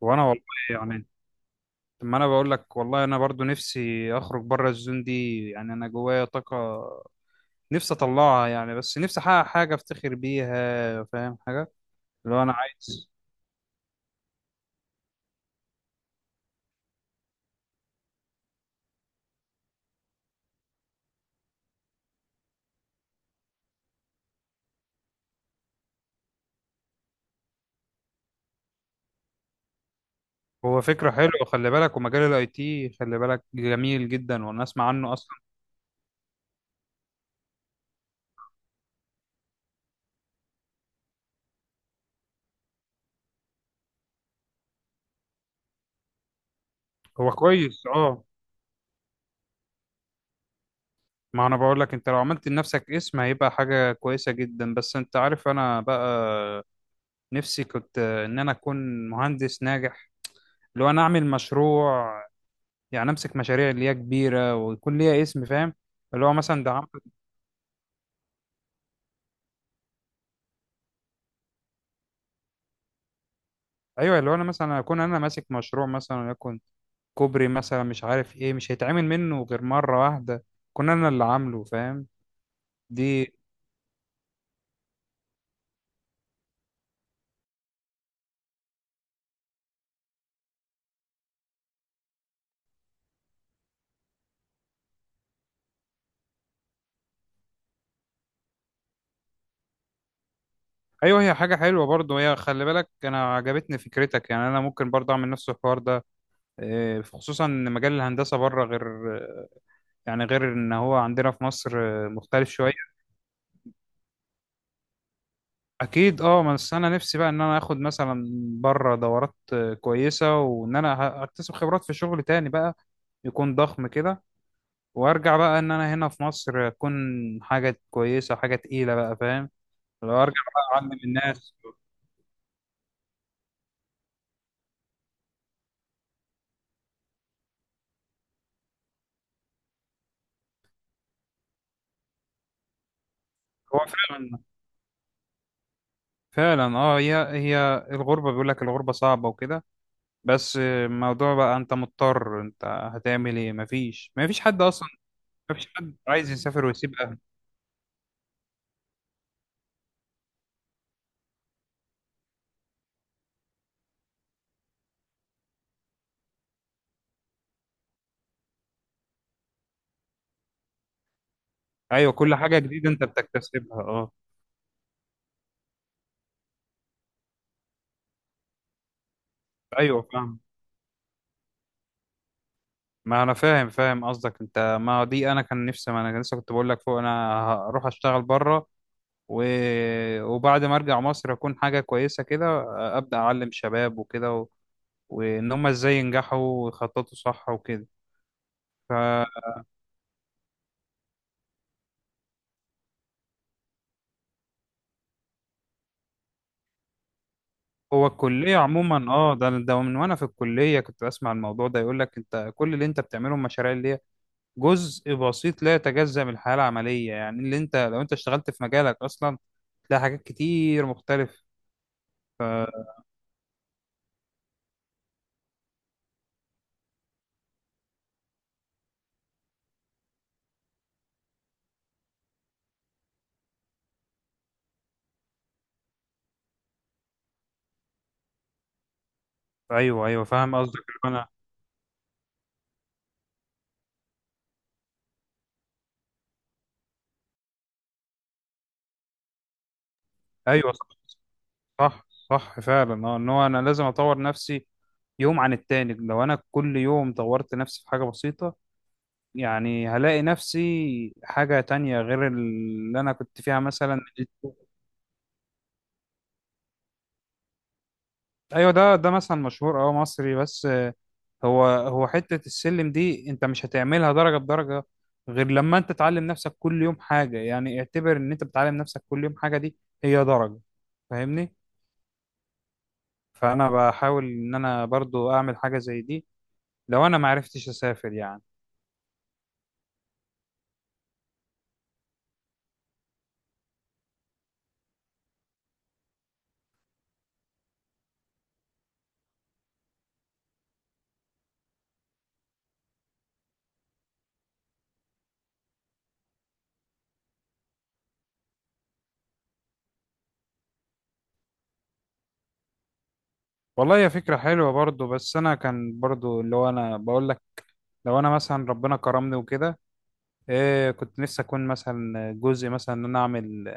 وانا والله، يعني لما انا بقول لك والله انا برضو نفسي اخرج بره الزون دي. يعني انا جوايا طاقه نفسي اطلعها، يعني بس نفسي احقق حاجه افتخر بيها. فاهم حاجه؟ اللي هو انا عايز. هو فكره حلوه، خلي بالك. ومجال الاي تي خلي بالك جميل جدا، وانا اسمع عنه اصلا. هو كويس اه. ما انا بقول لك انت لو عملت لنفسك اسم هيبقى حاجه كويسه جدا. بس انت عارف انا بقى نفسي كنت ان انا اكون مهندس ناجح. لو انا اعمل مشروع، يعني امسك مشاريع اللي هي كبيره ويكون ليها اسم، فاهم؟ اللي هو مثلا ده عم... ايوه، اللي هو انا مثلا اكون انا ماسك مشروع مثلا، وليكن كوبري مثلا، مش عارف ايه، مش هيتعمل منه غير مره واحده كنا انا اللي عامله، فاهم؟ دي. ايوه، هي حاجه حلوه برضه، هي خلي بالك، انا عجبتني فكرتك. يعني انا ممكن برضه اعمل نفس الحوار ده، خصوصا ان مجال الهندسه بره غير، يعني غير ان هو عندنا في مصر مختلف شويه. اكيد اه. بس انا نفسي بقى ان انا اخد مثلا بره دورات كويسه، وان انا اكتسب خبرات في شغل تاني بقى يكون ضخم كده، وارجع بقى ان انا هنا في مصر اكون حاجه كويسه، حاجه تقيله بقى، فاهم؟ لو ارجع بقى اعلم الناس. هو فعلا. فعلا اه، هي هي الغربه، بيقول لك الغربه صعبه وكده، بس الموضوع بقى انت مضطر، انت هتعمل ايه؟ مفيش، مفيش حد اصلا. مفيش حد عايز يسافر ويسيب اهله. ايوه كل حاجه جديده انت بتكتسبها اه. ايوه فاهم. ما انا فاهم قصدك. انت ما هو دي انا كان نفسي، ما انا لسه كنت بقول لك فوق انا هروح اشتغل بره و... وبعد ما ارجع مصر اكون حاجه كويسه كده، ابدا اعلم شباب وكده و... وان هم ازاي ينجحوا ويخططوا صح وكده. فهو. الكليه عموما اه، ده ده من وانا في الكليه كنت بسمع الموضوع ده، يقول لك انت كل اللي انت بتعمله المشاريع اللي هي جزء بسيط لا يتجزأ من الحياه العمليه. يعني اللي انت لو انت اشتغلت في مجالك اصلا تلاقي حاجات كتير مختلفه. ايوه، ايوه فاهم قصدك. انا. ايوه، صح. صح فعلا اه. ان هو انا لازم اطور نفسي يوم عن التاني. لو انا كل يوم طورت نفسي في حاجه بسيطه، يعني هلاقي نفسي حاجه تانية غير اللي انا كنت فيها مثلا. ايوه، ده ده مثلا مشهور اه مصري، بس هو هو حته السلم دي انت مش هتعملها درجه بدرجه غير لما انت تعلم نفسك كل يوم حاجه. يعني اعتبر ان انت بتعلم نفسك كل يوم حاجه، دي هي درجه، فاهمني؟ فانا بحاول ان انا برضو اعمل حاجه زي دي، لو انا ما عرفتش اسافر يعني. والله هي فكرة حلوة برضو. بس انا كان برضو اللي هو انا بقول لك لو انا مثلا ربنا كرمني وكده، كنت نفسي اكون مثلا جزء، مثلا ان انا اعمل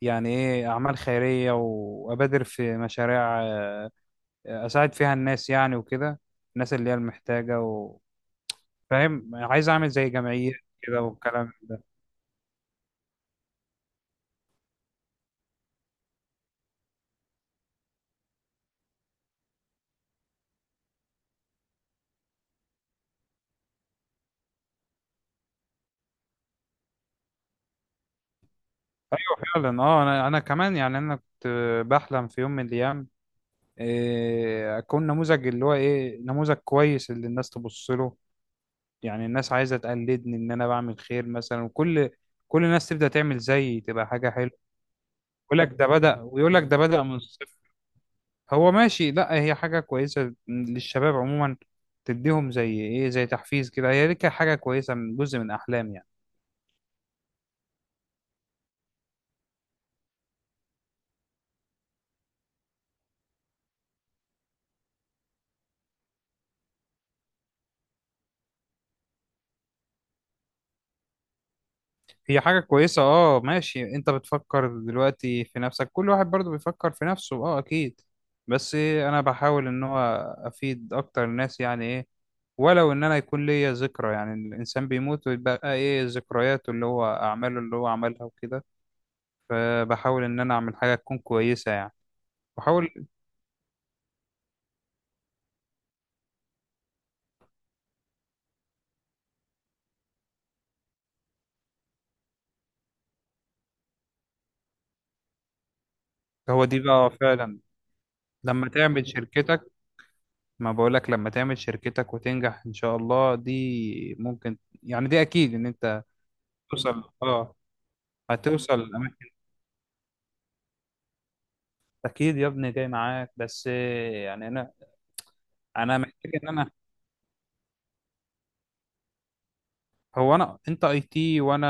يعني ايه اعمال خيرية، وابادر في مشاريع اساعد فيها الناس، يعني وكده الناس اللي هي المحتاجة و... فاهم؟ عايز اعمل زي جمعية كده والكلام ده. فعلا اه. انا انا كمان يعني، انا كنت بحلم في يوم من الايام اكون نموذج، اللي هو ايه، نموذج كويس اللي الناس تبص له. يعني الناس عايزة تقلدني ان انا بعمل خير مثلا، وكل كل الناس تبدأ تعمل زيي، تبقى حاجة حلوة. يقول لك ده بدأ، ويقول لك ده بدأ من الصفر. هو ماشي. لا هي حاجة كويسة للشباب عموما، تديهم زي ايه، زي تحفيز كده. هي دي كانت حاجة كويسة من جزء من احلامي يعني. هي حاجة كويسة اه ماشي، انت بتفكر دلوقتي في نفسك، كل واحد برضو بيفكر في نفسه اه اكيد. بس انا بحاول ان هو افيد اكتر الناس، يعني ايه، ولو ان انا يكون ليا ذكرى. يعني الانسان بيموت ويبقى ايه، ذكرياته اللي هو اعماله اللي هو عملها وكده. فبحاول ان انا اعمل حاجة تكون كويسة يعني. بحاول. هو دي بقى فعلا. لما تعمل شركتك، ما بقولك لما تعمل شركتك وتنجح ان شاء الله، دي ممكن، يعني دي اكيد ان انت توصل اه. هتوصل الاماكن. اكيد يا ابني جاي معاك، بس يعني انا، انا محتاج ان انا، هو انا انت اي تي وانا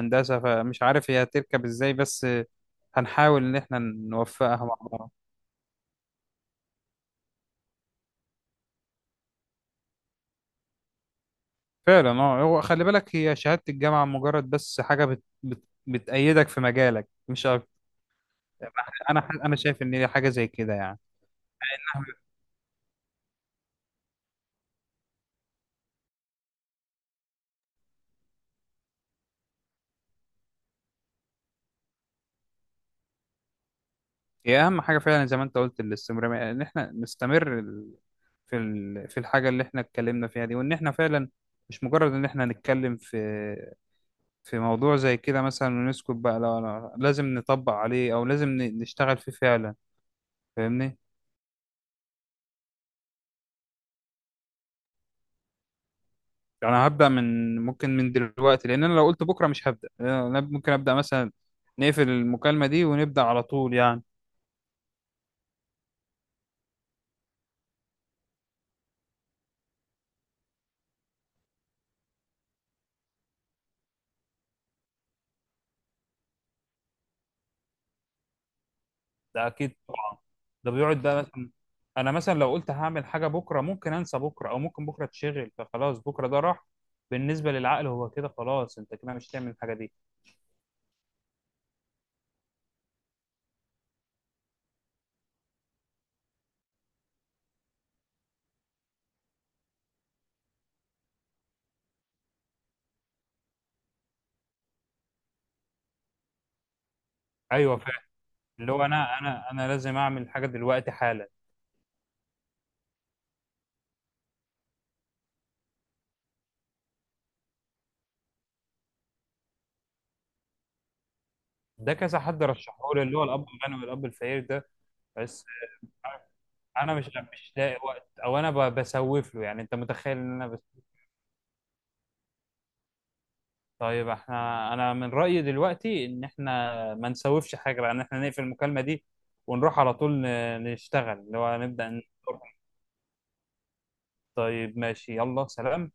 هندسه، فمش عارف هي هتركب ازاي، بس هنحاول ان احنا نوفقها مع بعض. فعلا اه. هو خلي بالك هي شهاده الجامعه مجرد بس حاجه بتأيدك في مجالك مش أكتر. انا، انا شايف ان هي حاجه زي كده يعني. هي اهم حاجه فعلا زي ما انت قلت، الاستمراريه. ان احنا نستمر في في الحاجه اللي احنا اتكلمنا فيها دي، وان احنا فعلا مش مجرد ان احنا نتكلم في في موضوع زي كده مثلا ونسكت بقى. لا لا، لازم نطبق عليه، او لازم نشتغل فيه فعلا، فاهمني؟ يعني هبدا من ممكن من دلوقتي، لان انا لو قلت بكره مش هبدا. أنا ممكن ابدا مثلا نقفل المكالمه دي ونبدا على طول يعني. ده اكيد طبعا، ده بيقعد بقى مثلا. انا مثلا لو قلت هعمل حاجه بكره، ممكن انسى بكره، او ممكن بكره اتشغل فخلاص بكره ده راح. بالنسبه للعقل هو كده خلاص، انت كده مش هتعمل الحاجه دي. ايوه فعلا. اللي هو انا، انا لازم اعمل حاجه دلوقتي حالا. ده كذا حد رشحه لي، اللي هو الاب الغني والاب الفقير ده. بس انا مش، مش لاقي وقت، او انا بسوف له. يعني انت متخيل ان انا؟ بس. طيب احنا، انا من رأيي دلوقتي ان احنا ما نسوفش حاجة بقى، ان احنا نقفل المكالمة دي ونروح على طول نشتغل، اللي هو نبدأ طيب ماشي، يلا سلام.